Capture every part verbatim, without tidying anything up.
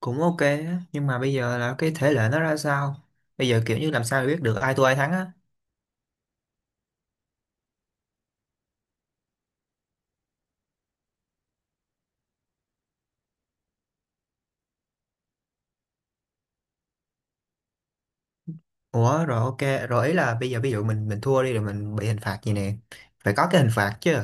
Cũng ok á, nhưng mà bây giờ là cái thể lệ nó ra sao? Bây giờ kiểu như làm sao để biết được ai thua ai thắng á? Ủa rồi, ok rồi, ý là bây giờ ví dụ mình mình thua đi rồi mình bị hình phạt gì nè? Phải có cái hình phạt chứ.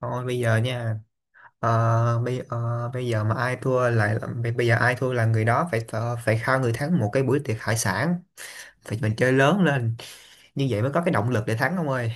Thôi bây giờ nha. Ờ, bây ờ, bây giờ mà ai thua lại là- bây, bây giờ ai thua là người đó phải thờ- phải khao người thắng một cái buổi tiệc hải sản. Phải mình chơi lớn lên, như vậy mới có cái động lực để thắng ông ơi.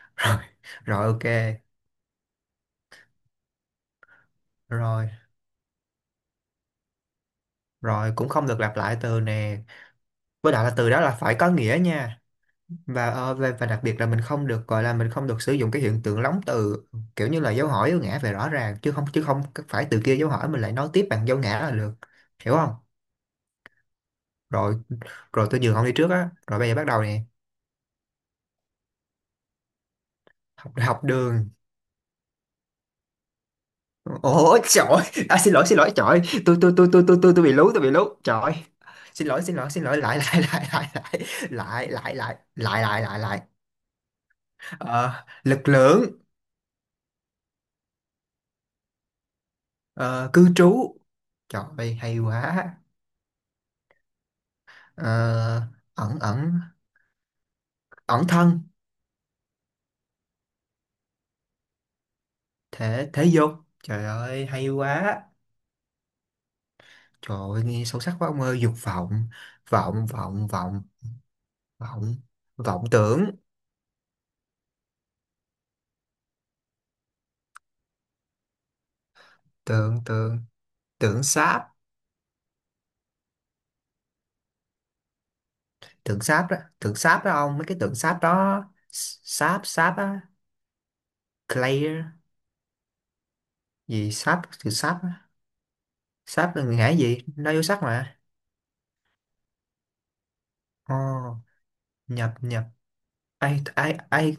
Rồi. Rồi, ok. Rồi. Rồi cũng không được lặp lại từ nè, với lại là từ đó là phải có nghĩa nha. Và ờ, và, và đặc biệt là mình không được gọi là mình không được sử dụng cái hiện tượng lóng từ, kiểu như là dấu hỏi dấu ngã về rõ ràng, chứ không chứ không phải từ kia dấu hỏi mình lại nói tiếp bằng dấu ngã là được. Hiểu không? Rồi rồi tôi nhường ông đi trước á, rồi bây giờ bắt đầu nè. Học, học đường. Ôi trời ơi. À, xin lỗi, xin lỗi, trời ơi. tôi tôi tôi tôi tôi tôi tôi bị lú, tôi bị lú, trời ơi. Xin lỗi, xin lỗi, xin lỗi. Lại, lại, lại, lại, lại, lại, lại, lại, lại, lại, lại, lại, lại. Ờ, Lực lượng. ờ, Cư trú. Trời ơi, hay quá. Ờ, Ẩn, ẩn, ẩn thân. Thể, thể dục. Trời ơi, hay quá. Trời ơi nghe sâu sắc quá ông ơi, dục vọng. Vọng, vọng, vọng, vọng. Vọng tưởng. Tượng, tượng. Tượng sáp. Tượng sáp đó, tượng sáp đó ông, mấy cái tượng sáp đó. S- sáp, sáp á. Clear. Gì sáp, từ sáp á. Sáp là ngã gì, nó vô sắc mà. Ồ. Nhập, nhập. Ai, ai, ai.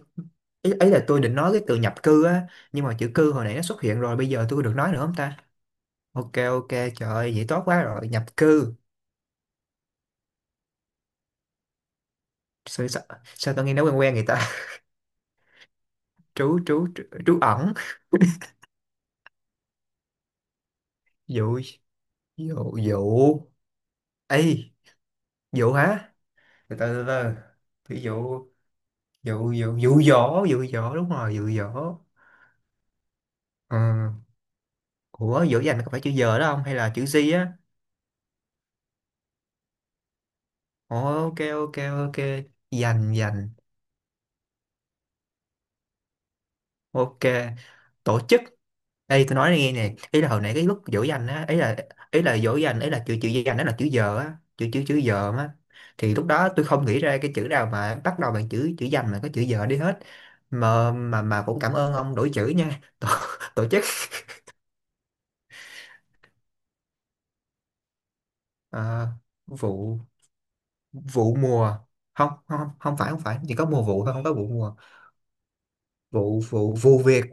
Ấy, ấy là tôi định nói cái từ nhập cư á, nhưng mà chữ cư hồi nãy nó xuất hiện rồi, bây giờ tôi có được nói nữa không ta? Ok, ok, trời ơi vậy tốt quá. Rồi, nhập cư. Sao, sao, sao tao nghe nó quen quen người ta. Trú, trú, trú, trú ẩn. Dụ, dụ, dụ. Ê, dụ hả? Từ từ từ từ. Ví dụ. Dụ, dụ, dụ dỗ, dụ dỗ, đúng rồi, dụ dỗ. Ừ. Ủa dỗ dành có phải chữ giờ đó không, hay là chữ gì á? Ồ, ok, ok, ok. Dành, dành. Ok, tổ chức. Ê tôi nói nghe nè, ý là hồi nãy cái lúc dỗ dành á, ý là ý là dỗ dành, ý là chữ chữ dành đó là chữ giờ á, chữ chữ chữ giờ á, thì lúc đó tôi không nghĩ ra cái chữ nào mà bắt đầu bằng chữ chữ dành mà có chữ giờ đi hết. Mà mà mà cũng cảm ơn ông đổi chữ nha. Tổ, tổ chức. ờ, Vụ, vụ mùa. Không, không, không, không phải, không phải, chỉ có mùa vụ thôi, không có vụ mùa. Vụ, vụ, vụ việc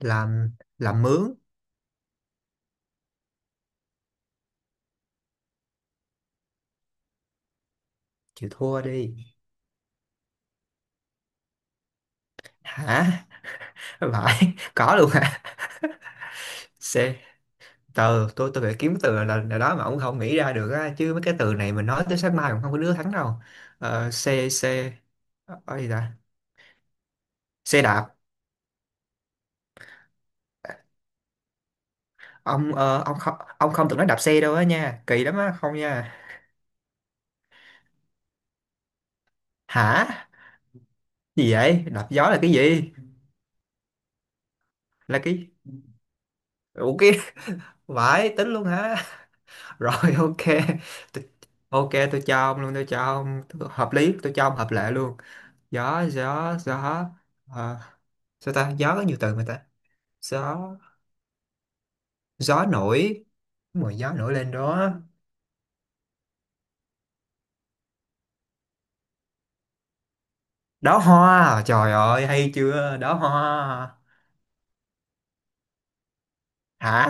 làm. Làm mướn. Chịu thua đi. Hả? Phải có luôn hả? C, từ tôi tôi phải kiếm từ là, là đó mà ông không nghĩ ra được á, chứ mấy cái từ này mình nói tới sáng mai cũng không có đứa thắng đâu. Ờ, xe, xe. Ờ, gì ta? Xe đạp. Ông ờ, ông không, ông không từng nói đạp xe đâu á nha, kỳ lắm á, không nha. Hả? Gì vậy, đạp gió là cái gì? Là cái, ủa cái. Vãi, tính luôn hả? Rồi ok. Tôi- ok tôi cho ông luôn, tôi cho ông hợp lý, tôi cho ông hợp lệ luôn. Gió, gió, gió. ờ, Sao ta, gió có nhiều từ mà ta. Gió, gió nổi, mùi gió nổi lên đó. Đóa hoa, trời ơi hay chưa, đóa hoa. Hả?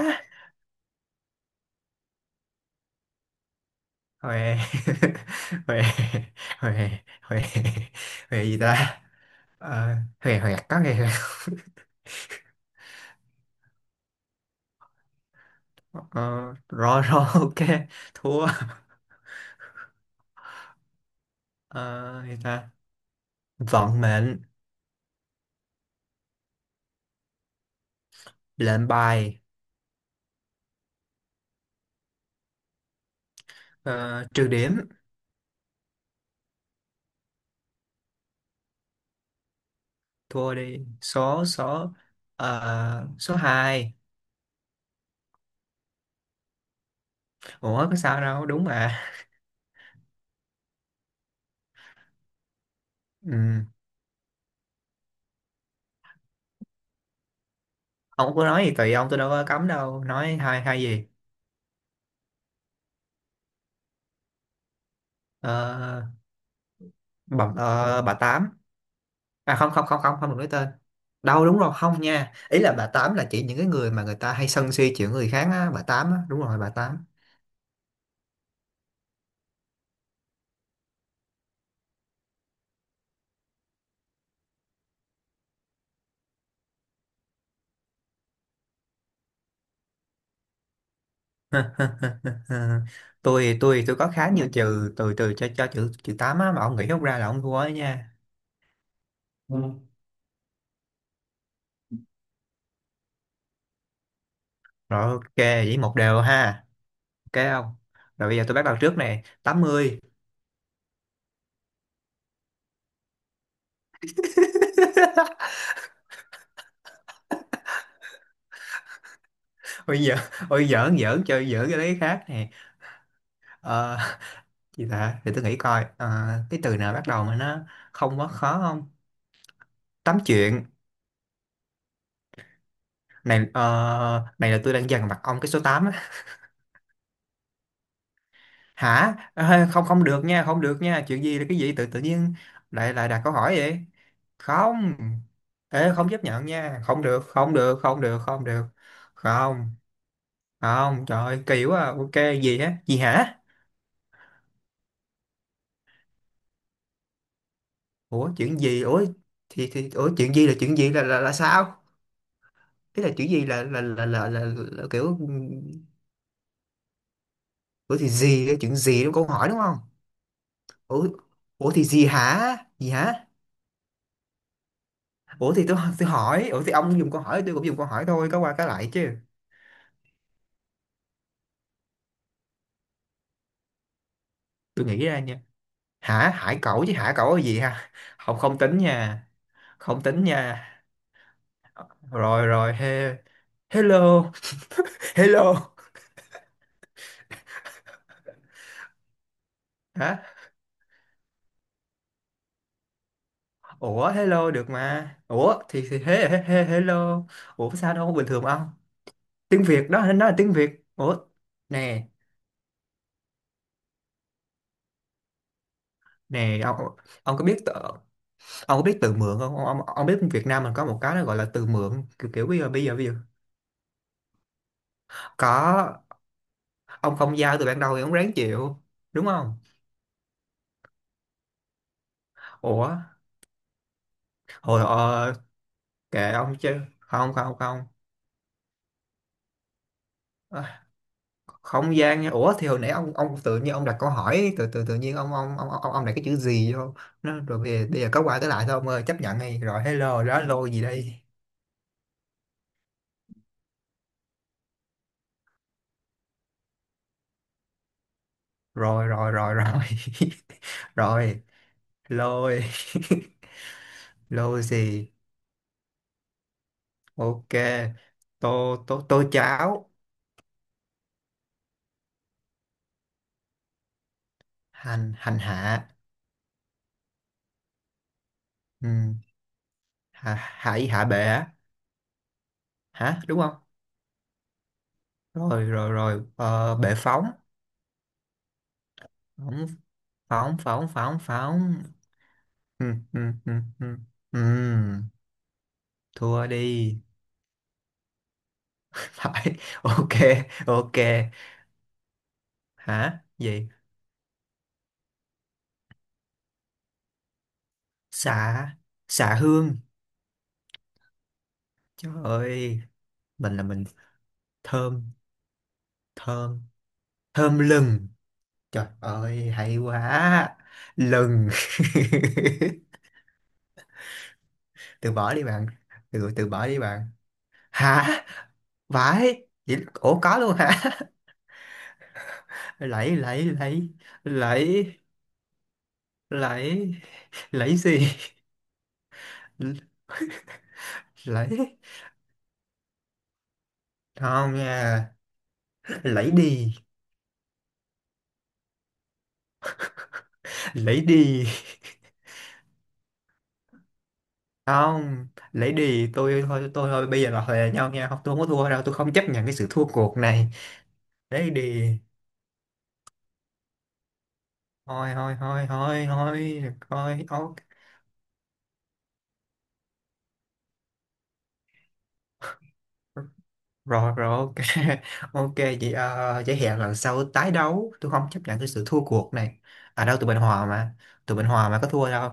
Huề. Huề, huề, huề, huề. Gì ta? Ờ, Huề, huề, có huề, huề. ờ, Rồi, rồi. Ok. Thua. ờ, Gì ta? Vận mệnh. Lệnh bài. ờ, Trừ điểm. Thua đi. Số, số. Ờ, số hai. Ủa có sao đâu, đúng mà. Ừ. Ông cứ nói gì tùy ông, tôi đâu có cấm đâu, nói hai, hai gì. ờ, bà, ờ, bà tám. À không, không, không, không, không được nói tên. Đâu, đúng rồi, không nha, ý là bà tám là chỉ những cái người mà người ta hay sân si chuyện người khác á, bà tám á, đúng rồi bà tám. tôi tôi tôi có khá nhiều trừ từ, từ cho cho chữ, chữ tám á, mà ông nghĩ không ra là ông thua ấy nha. Ừ. Rồi ok, vậy một đều ha. Ok, không? Rồi bây giờ tôi bắt đầu trước nè, tám mươi. Ôi giỡn. Ôi giỡn, giỡn chơi, giỡn cái đấy khác nè. Ờ, Gì ta, để tôi nghĩ coi. Ờ, cái từ nào bắt đầu mà nó không quá khó không. Tám chuyện. Này ờ, này là tôi đang dằn mặt ông cái số tám á. Hả? Ờ, Không, không được nha, không được nha, chuyện gì là cái gì, tự tự nhiên lại lại đặt câu hỏi vậy. Không. Ê, không chấp nhận nha, không được, không được, không được, không được. Không, không, trời ơi, kỳ quá à. Ok, gì á, gì hả? Ủa chuyện gì ủa? Thì thì ủa, chuyện gì là chuyện gì, là là, là sao? Thế là chuyện gì, là là là là, là, là kiểu. Ủa thì gì, cái chuyện gì, đúng câu hỏi đúng không? Ủa. Ủa thì gì hả? Gì hả? Ủa thì tôi tôi hỏi ủa, thì ông dùng câu hỏi tôi cũng dùng câu hỏi thôi, có qua cái lại chứ. Tôi nghĩ ra nha. Hả, hải cẩu chứ, hả cẩu là gì ha. Không, không tính nha. Không tính nha. Rồi rồi, he, hello. Hello hả? Ủa hello được mà, ủa thì thì he, he, he, hello. Ủa, sao đâu, bình thường ông. Tiếng Việt đó, nó là tiếng Việt ủa. Nè. Nè ông. Ông có biết. Ông có biết từ mượn không ông, ông, ông, biết Việt Nam mình có một cái nó gọi là từ mượn, kiểu kiểu bây giờ, bây giờ bây giờ. Có. Ông không giao từ ban đầu thì ông ráng chịu. Đúng không? Ủa hồi ờ, kệ ông chứ, không, không, không. À, không gian nha, ủa thì hồi nãy ông ông tự nhiên ông đặt câu hỏi, tự tự tự nhiên ông ông ông ông, ông đặt cái chữ gì vô nó, rồi bây giờ, bây giờ có qua tới lại thôi ông ơi, chấp nhận đi. Rồi hello đó, lô gì đây. Rồi rồi rồi Rồi. Rồi. Lôi. Lôi gì? Ok. Tô, tô, tô cháo. Hành, hành hạ. Ừ. Hạ, hải, hạ bệ á, hả, đúng không? Rồi, rồi, rồi. ờ, Bệ Phóng, phóng, phóng, phóng, phóng, phóng. Ừ, ừ, ừ, ừ. Ừ. Thua đi. Phải. Ok. Ok. Hả, gì? Xạ. Xạ hương. Trời ơi mình là mình. Thơm. Thơm. Thơm lừng. Trời ơi hay quá. Lừng. Từ bỏ đi bạn. Từ từ bỏ đi bạn. Hả? Vãi vậy, ủa có luôn hả? Lấy, lấy, lấy. Lấy. Lấy. Lấy gì? Lấy không nha. Lấy đi. Lấy đi. Không, lấy đi, tôi thôi, tôi thôi, bây giờ là hòa nhau nha, không tôi không có thua đâu, tôi không chấp nhận cái sự thua cuộc này. Lấy đi. Thôi, thôi, thôi, thôi, thôi, thôi. Ok. Rồi rồi ok. Ok vậy uh, vậy hẹn lần sau tái đấu, tôi không chấp nhận cái sự thua cuộc này. À đâu, tụi mình hòa mà. Tụi mình hòa mà, có thua đâu.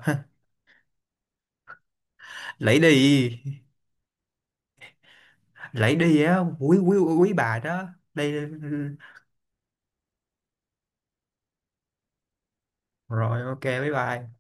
Lấy đi. Lấy đi á, quý, quý, quý bà đó. Đây. Rồi ok, bye bye.